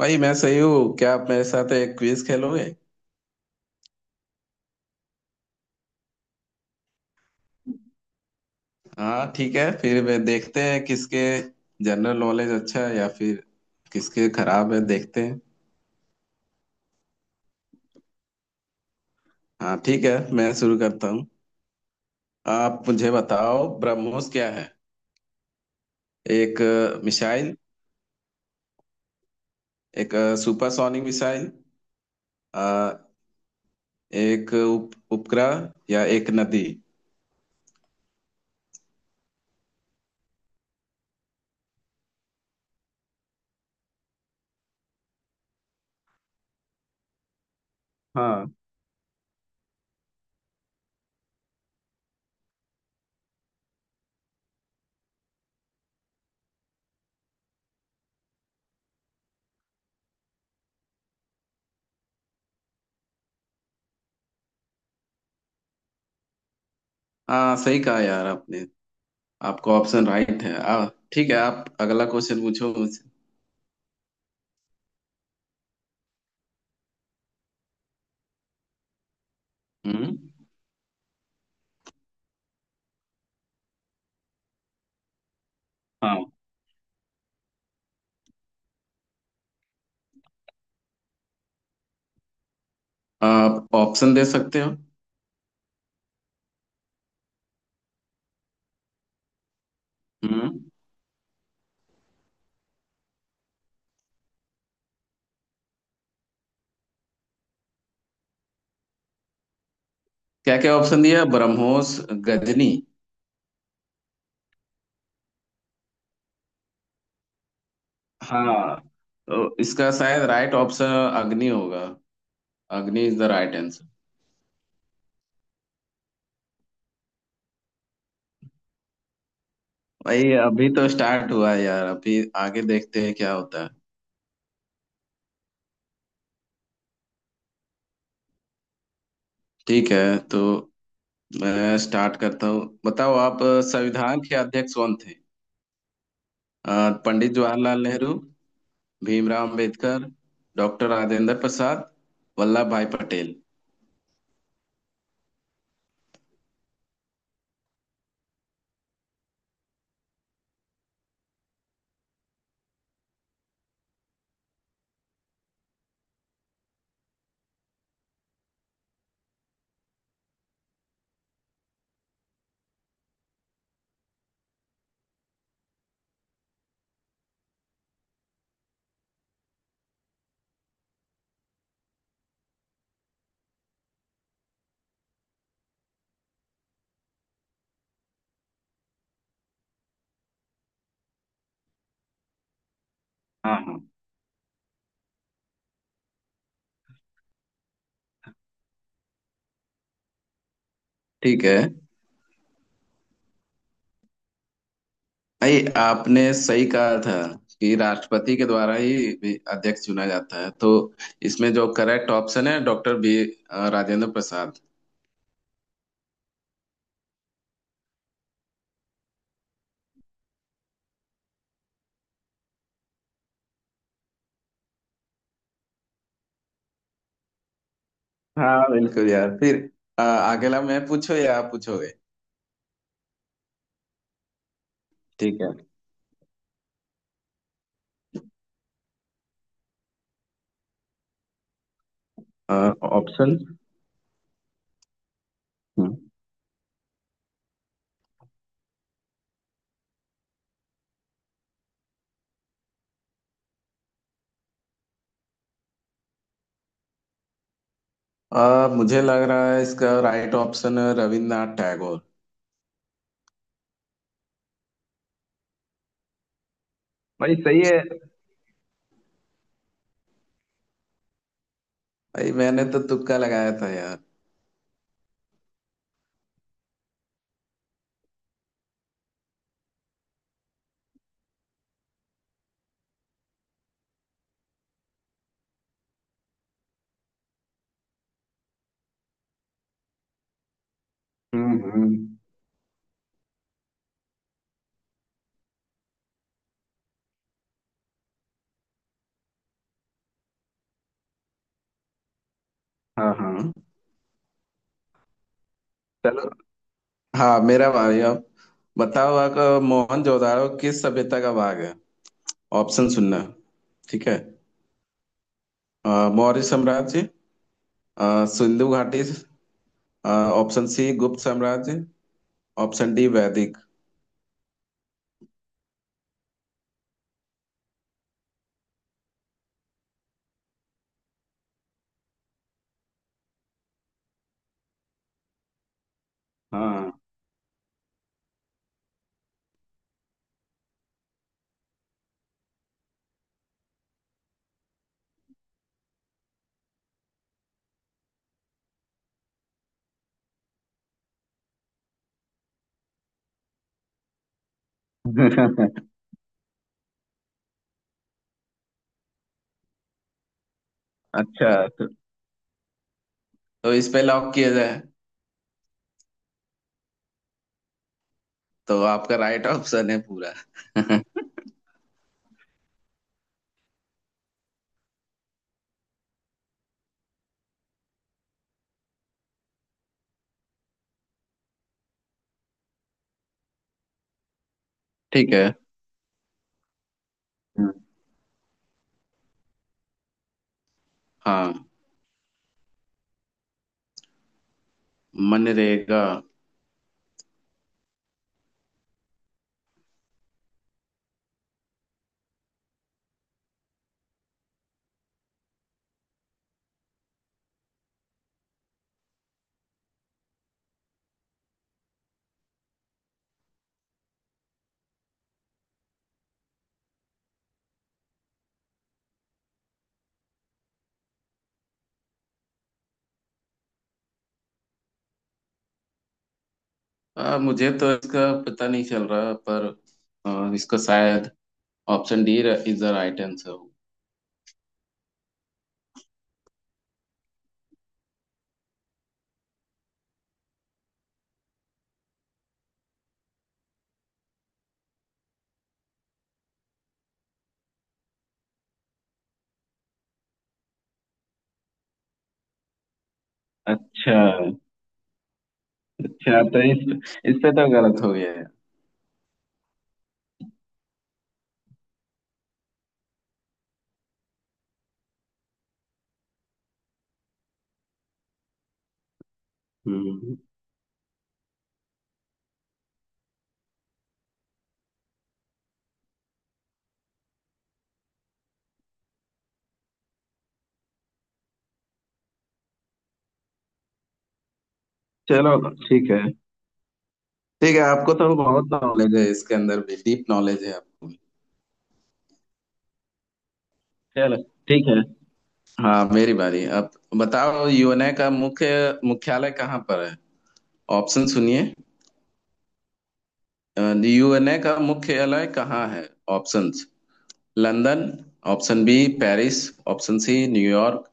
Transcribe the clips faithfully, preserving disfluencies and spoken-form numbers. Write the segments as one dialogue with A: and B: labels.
A: भाई मैं सही हूँ। क्या आप मेरे साथ एक क्विज खेलोगे? हाँ ठीक है, फिर वे देखते हैं किसके जनरल नॉलेज अच्छा है या फिर किसके खराब है, देखते हैं। हाँ ठीक है, मैं शुरू करता हूँ। आप मुझे बताओ, ब्रह्मोस क्या है? एक अ, मिसाइल, एक सुपरसोनिक मिसाइल, अ, एक उप, उपग्रह, या एक नदी? हाँ, हाँ, सही कहा यार आपने। आपका ऑप्शन राइट है। आ, ठीक है, आप अगला क्वेश्चन पूछो मुझसे। हम्म। आप ऑप्शन दे सकते हो। हम्म, क्या क्या ऑप्शन दिया? ब्रह्मोस, गजनी। हाँ, तो इसका शायद राइट ऑप्शन अग्नि होगा। Agni is the right answer. भाई, अभी तो स्टार्ट हुआ है यार, अभी आगे देखते हैं क्या होता है। ठीक है, तो मैं स्टार्ट करता हूँ। बताओ आप, अ, संविधान के अध्यक्ष कौन थे? अ, पंडित जवाहरलाल नेहरू, भीमराव अंबेडकर, डॉक्टर राजेंद्र प्रसाद, वल्लभ भाई पटेल। हाँ, हाँ। ठीक है, भाई आपने सही कहा था कि राष्ट्रपति के द्वारा ही भी अध्यक्ष चुना जाता है, तो इसमें जो करेक्ट ऑप्शन है, डॉक्टर बी, अ, राजेंद्र प्रसाद। हाँ बिल्कुल यार। फिर अ, अगला मैं पूछो या आप पूछोगे? ठीक है। अ, ऑप्शन। हम्म। अ, मुझे लग रहा है इसका राइट ऑप्शन है रविन्द्रनाथ टैगोर। भाई सही है। भाई मैंने तो तुक्का लगाया था यार। हम्म। हम्म। हाँ, हाँ। चलो। हाँ, मेरा भाई अब। बताओ आपका, मोहनजोदाड़ो किस सभ्यता का भाग है? ऑप्शन सुनना। ठीक है। अ, मौर्य साम्राज्य, अ, सिंधु घाटी, अ, ऑप्शन सी गुप्त साम्राज्य, ऑप्शन डी वैदिक। हाँ। अच्छा। तो, तो इस पे लॉक किया जाए? तो आपका राइट ऑप्शन है पूरा। ठीक है। हम्म। हाँ, मनरेगा। आ, मुझे तो इसका पता नहीं चल रहा, पर आ, इसका शायद option D is the right answer. अच्छा। अच्छा, तो इस इस पे तो गलत हो गया है। हम्म। चलो ठीक है। ठीक है, आपको तो बहुत नॉलेज है, इसके अंदर भी डीप नॉलेज है आपको। चलो। ठीक है। हाँ मेरी बारी अब। बताओ, यू एन ए का मुख्य मुख्यालय कहाँ पर है? ऑप्शन सुनिए। यू एन ए का मुख्यालय कहाँ है? Options London, option B Paris, option C New York,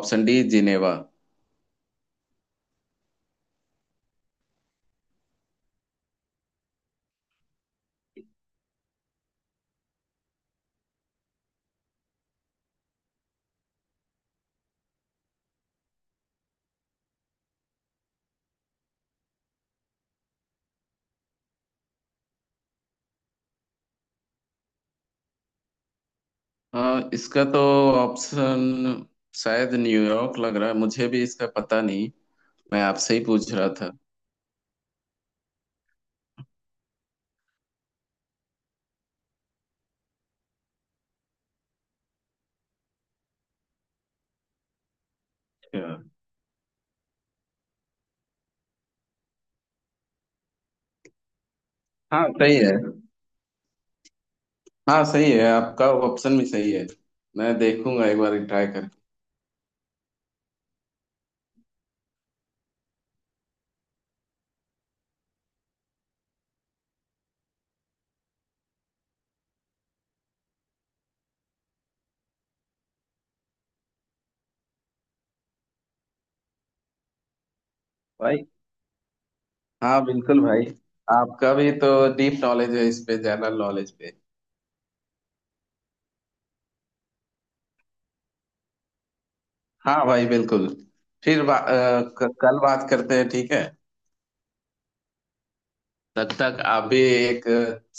A: option D Geneva. हाँ, इसका तो ऑप्शन शायद न्यूयॉर्क लग रहा है। मुझे भी इसका पता नहीं, मैं आपसे ही पूछ रहा था। अच्छा। हाँ सही है। हाँ सही है, आपका ऑप्शन भी सही है। मैं देखूंगा एक बार ट्राई करके। भाई, हाँ बिल्कुल भाई। आपका भी तो डीप नॉलेज है इस पे, जनरल नॉलेज पे। हाँ भाई बिल्कुल। फिर बा, अ, क- कल बात करते हैं, ठीक है? तब तक आप भी एक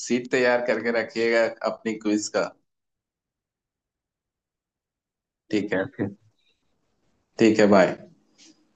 A: सीट तैयार करके रखिएगा अपनी क्विज का। ठीक है फिर। ठीक है, बाय।